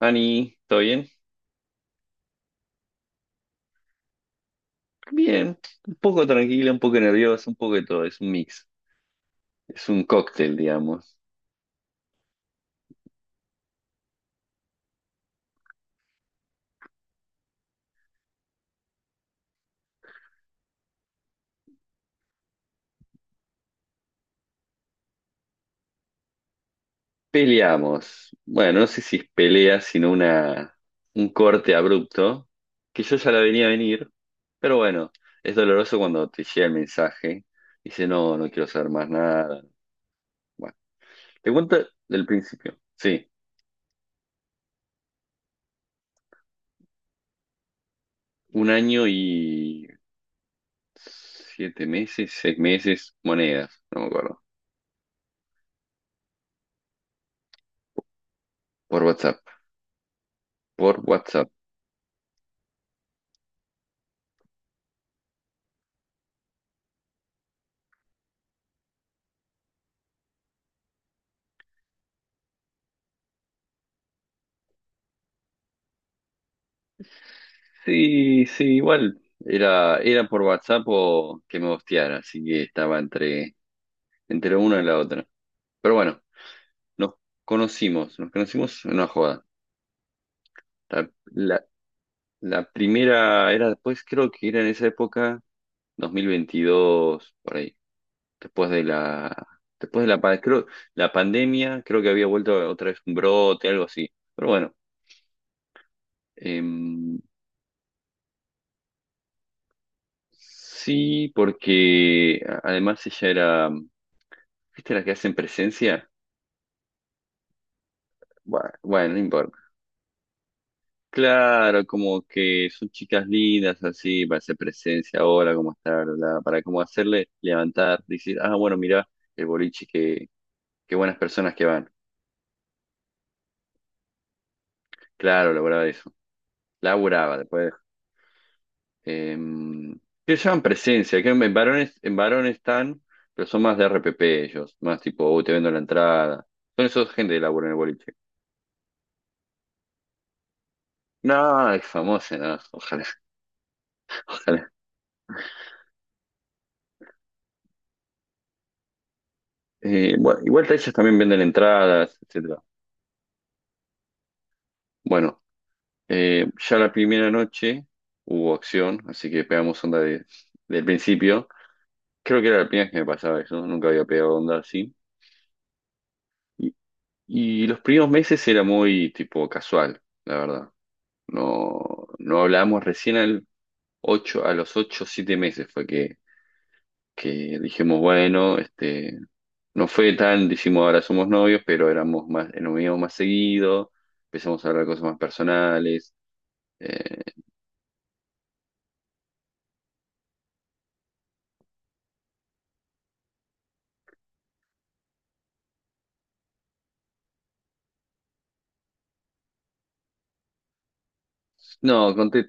Ani, ¿todo bien? Bien, un poco tranquila, un poco nerviosa, un poco de todo, es un mix, es un cóctel, digamos. Peleamos, bueno, no sé si es pelea, sino una, un corte abrupto, que yo ya la venía a venir, pero bueno, es doloroso cuando te llega el mensaje, dice, no, no quiero saber más nada. Bueno, te cuento del principio, sí, un año y 7 meses, 6 meses, monedas, no me acuerdo, por WhatsApp, por WhatsApp. Sí, sí, igual era por WhatsApp o que me hostiara, así que estaba entre una y la otra. Pero bueno, nos nos conocimos en una joda. La, la- la primera era después, creo que era en esa época, 2022, por ahí, después de la, después de la, pa- creo, la pandemia, creo que había vuelto otra vez un brote, algo así. Pero bueno. em, Sí, porque además ella era, ¿viste las que hacen presencia? Bueno, bueno, no importa. Claro, como que son chicas lindas, así, para hacer presencia ahora, cómo estar, bla, bla, para como hacerle levantar, decir, ah, bueno, mirá el boliche, que, qué buenas personas que van. Claro, laburaba eso. Laburaba después. em, que se llaman presencia, que en varones, están, pero son más de RPP ellos, más tipo, "Oh, te vendo la entrada." Son esos gente de laburo en el boliche. No, es famosa, no, ojalá, ojalá. Bueno, igual ellos también venden entradas, etcétera. Bueno, ya la primera noche hubo acción, así que pegamos onda de, del principio. Creo que era la primera vez que me pasaba eso, ¿no? Nunca había pegado onda así. Y, y los primeros meses era muy tipo casual, la verdad. No, no hablábamos recién al ocho, a los 8, o 7 meses fue que dijimos, bueno, este, no fue tan, dijimos, ahora somos novios, pero éramos más, nos veíamos más seguido, empezamos a hablar cosas más personales. eh, no, conté,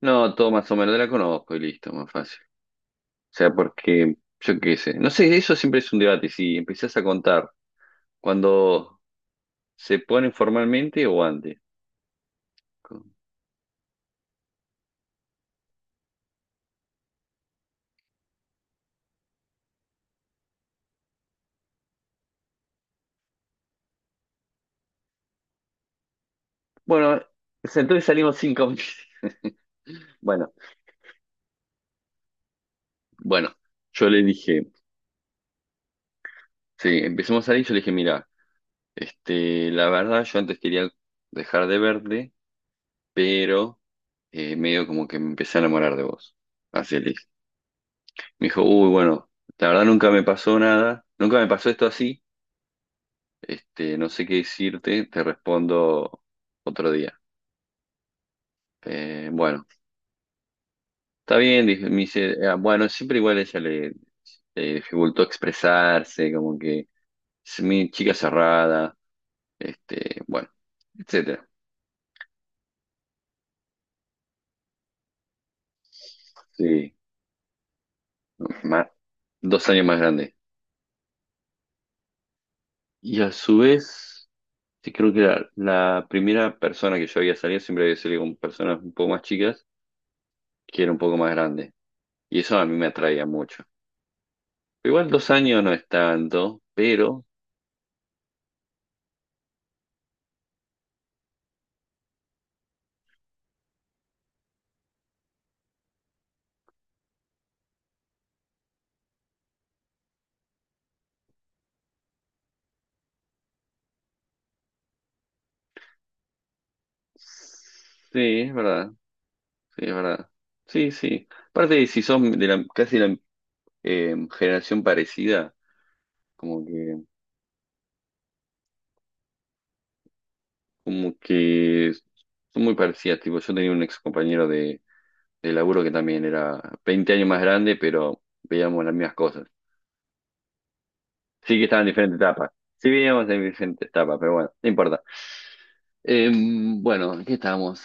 no, todo más o menos, la conozco y listo, más fácil. O sea, porque, yo qué sé, no sé, eso siempre es un debate, si empezás a contar cuando se ponen formalmente o antes. Bueno, entonces salimos 5 meses. Bueno, bueno, yo le dije, sí, empezamos a salir, yo le dije, mira, este, la verdad, yo antes quería dejar de verte, pero medio como que me empecé a enamorar de vos. Así le dije. Me dijo, uy, bueno, la verdad nunca me pasó nada, nunca me pasó esto así, este, no sé qué decirte, te respondo otro día. Bueno, está bien, dije, me dice, "Ah, bueno, siempre igual ella le, dificultó expresarse, como que es mi chica cerrada, este, bueno, etcétera. Sí, más, 2 años más grande. Y a su vez, sí creo que la primera persona que yo había salido siempre había salido con personas un poco más chicas, que era un poco más grande. Y eso a mí me atraía mucho. Igual 2 años no es tanto, pero sí, es verdad, sí, es verdad. Sí, sí. Aparte, si son de la, casi la generación parecida, como que, como que son muy parecidas. Tipo, yo tenía un ex compañero de laburo que también era 20 años más grande, pero veíamos las mismas cosas. Sí que estaban en diferentes etapas. Sí veníamos en diferentes etapas, pero bueno, no importa. Bueno, ¿en ¿qué estamos?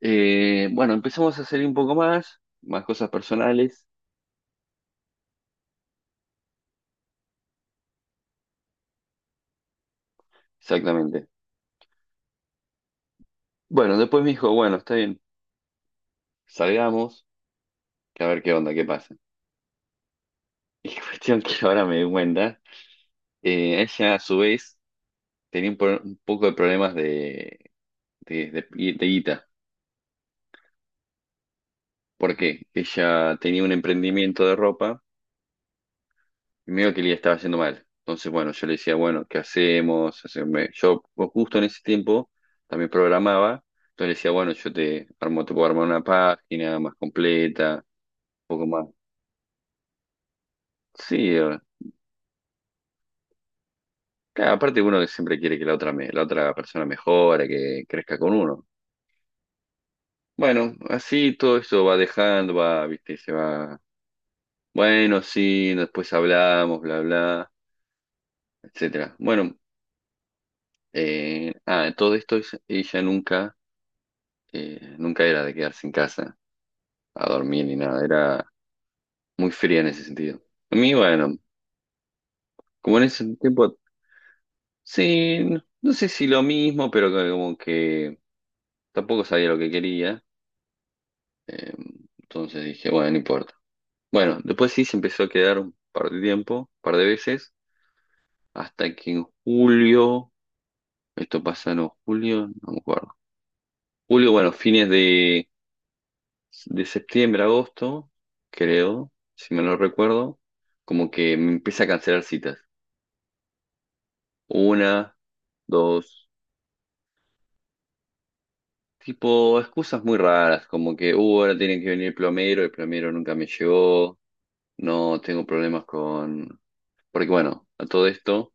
Bueno, empezamos a salir un poco más, más cosas personales. Exactamente. Bueno, después me dijo, bueno, está bien, salgamos, que a ver qué onda, qué pasa. Y cuestión que ahora me di cuenta, ella a su vez tenía un poco de problemas de, de, de guita. ¿Por qué? Ella tenía un emprendimiento de ropa, y medio que le estaba yendo mal. Entonces, bueno, yo le decía, bueno, ¿qué hacemos? Yo pues, justo en ese tiempo también programaba. Entonces le decía, bueno, yo te armo, te puedo armar una página más completa, un poco más. Sí, claro, aparte uno que siempre quiere que la otra, la otra persona mejore, que crezca con uno. Bueno, así todo eso va dejando, va, viste, se va. Bueno, sí, después hablamos, bla, bla, etcétera. Bueno, todo esto ella nunca nunca era de quedarse en casa a dormir ni nada, era muy fría en ese sentido. A mí, bueno, como en ese tiempo, sí, no, no sé si lo mismo, pero como que tampoco sabía lo que quería, eh, entonces dije, bueno, no importa. Bueno, después sí se empezó a quedar un par de tiempo, un par de veces, hasta que en julio, esto pasa, no, julio, no me acuerdo. Julio, bueno, fines de septiembre a agosto, creo, si me lo recuerdo, como que me empieza a cancelar citas. Una, dos, tipo excusas muy raras, como que, ahora tiene que venir el plomero nunca me llegó, no tengo problemas con... Porque bueno, a todo esto,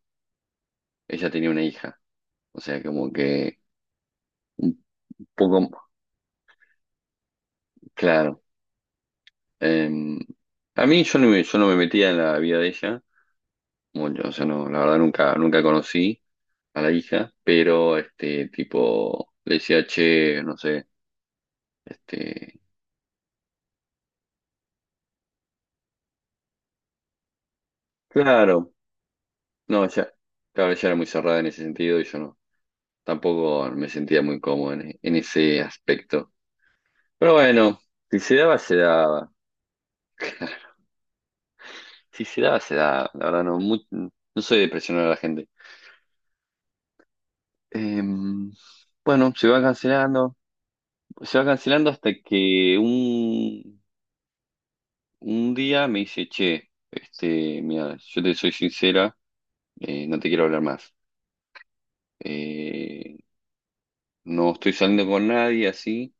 ella tenía una hija, o sea, como que un poco, claro. em, a mí yo no me metía en la vida de ella, mucho, o sea, no, la verdad nunca, nunca conocí a la hija, pero este tipo le decía, che, no sé, este, claro, no, ya, claro, ella era muy cerrada en ese sentido y yo no, tampoco me sentía muy cómodo en ese aspecto. Pero bueno, si se daba, se daba. Si se daba, se daba. La verdad, no, no soy de presionar a la gente. Em, bueno, se va cancelando hasta que un día me dice, che, este, mira, yo te soy sincera, no te quiero hablar más. Eh, no estoy saliendo con nadie así,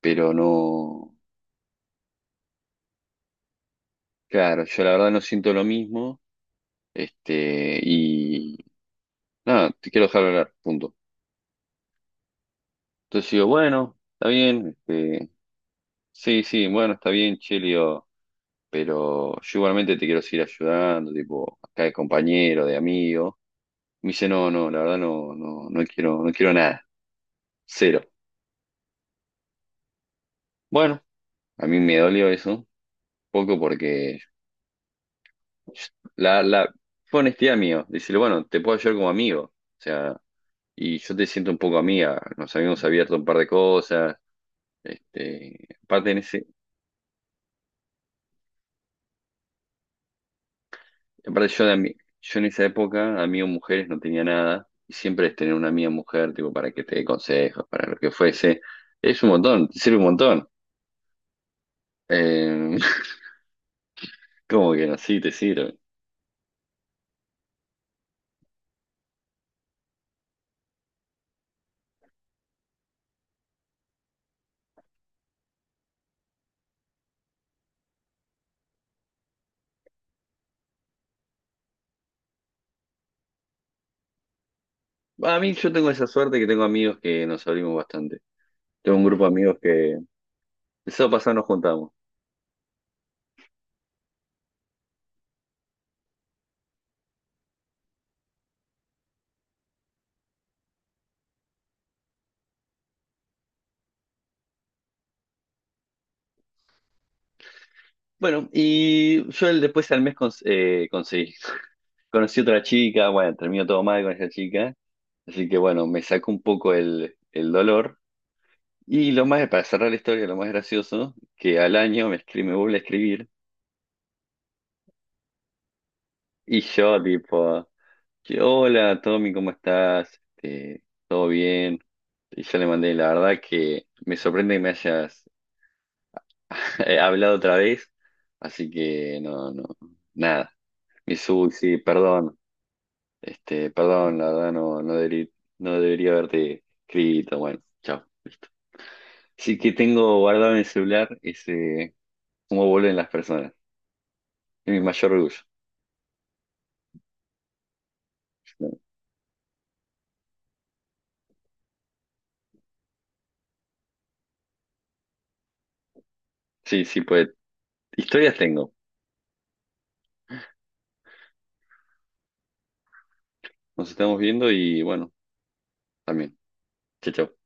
pero no, claro, yo la verdad no siento lo mismo, este, y nada, te quiero dejar hablar, punto. Entonces digo, bueno, está bien, este, sí, sí, bueno, está bien, che, le digo, pero yo igualmente te quiero seguir ayudando, tipo, acá de compañero, de amigo. Me dice, no, no, la verdad no, no, no quiero, no quiero nada, cero. Bueno, a mí me dolió eso, poco porque la fue honestidad mío. Decirle, bueno, te puedo ayudar como amigo. O sea, y yo te siento un poco amiga. Nos habíamos abierto un par de cosas. Este, aparte en ese, aparte yo yo en esa época, amigo mujeres no tenía nada. Y siempre es tener una amiga mujer, tipo, para que te dé consejos, para lo que fuese. Es un montón, te sirve un montón. Eh, Como que no, sí, te sirve. Bueno, a mí yo tengo esa suerte que tengo amigos que nos abrimos bastante. Tengo un grupo de amigos que el sábado pasado nos juntamos. Bueno, y yo después al mes conseguí, conocí otra chica, bueno, terminó todo mal con esa chica, así que bueno, me sacó un poco el dolor. Y lo más, para cerrar la historia, lo más gracioso, que al año me vuelve a escribir y yo tipo, que, hola Tommy, ¿cómo estás? Este, ¿todo bien? Y yo le mandé, la verdad que me sorprende que me hayas hablado otra vez, así que no, no, nada. Me dice, "Uy, sí, perdón. Este, perdón, la verdad no, no debería haberte escrito. Bueno, chao. Sí que tengo guardado en el celular ese cómo vuelven las personas. Es mi mayor orgullo. Sí, sí, pues historias tengo. Nos estamos viendo y bueno, también. Chao, chao.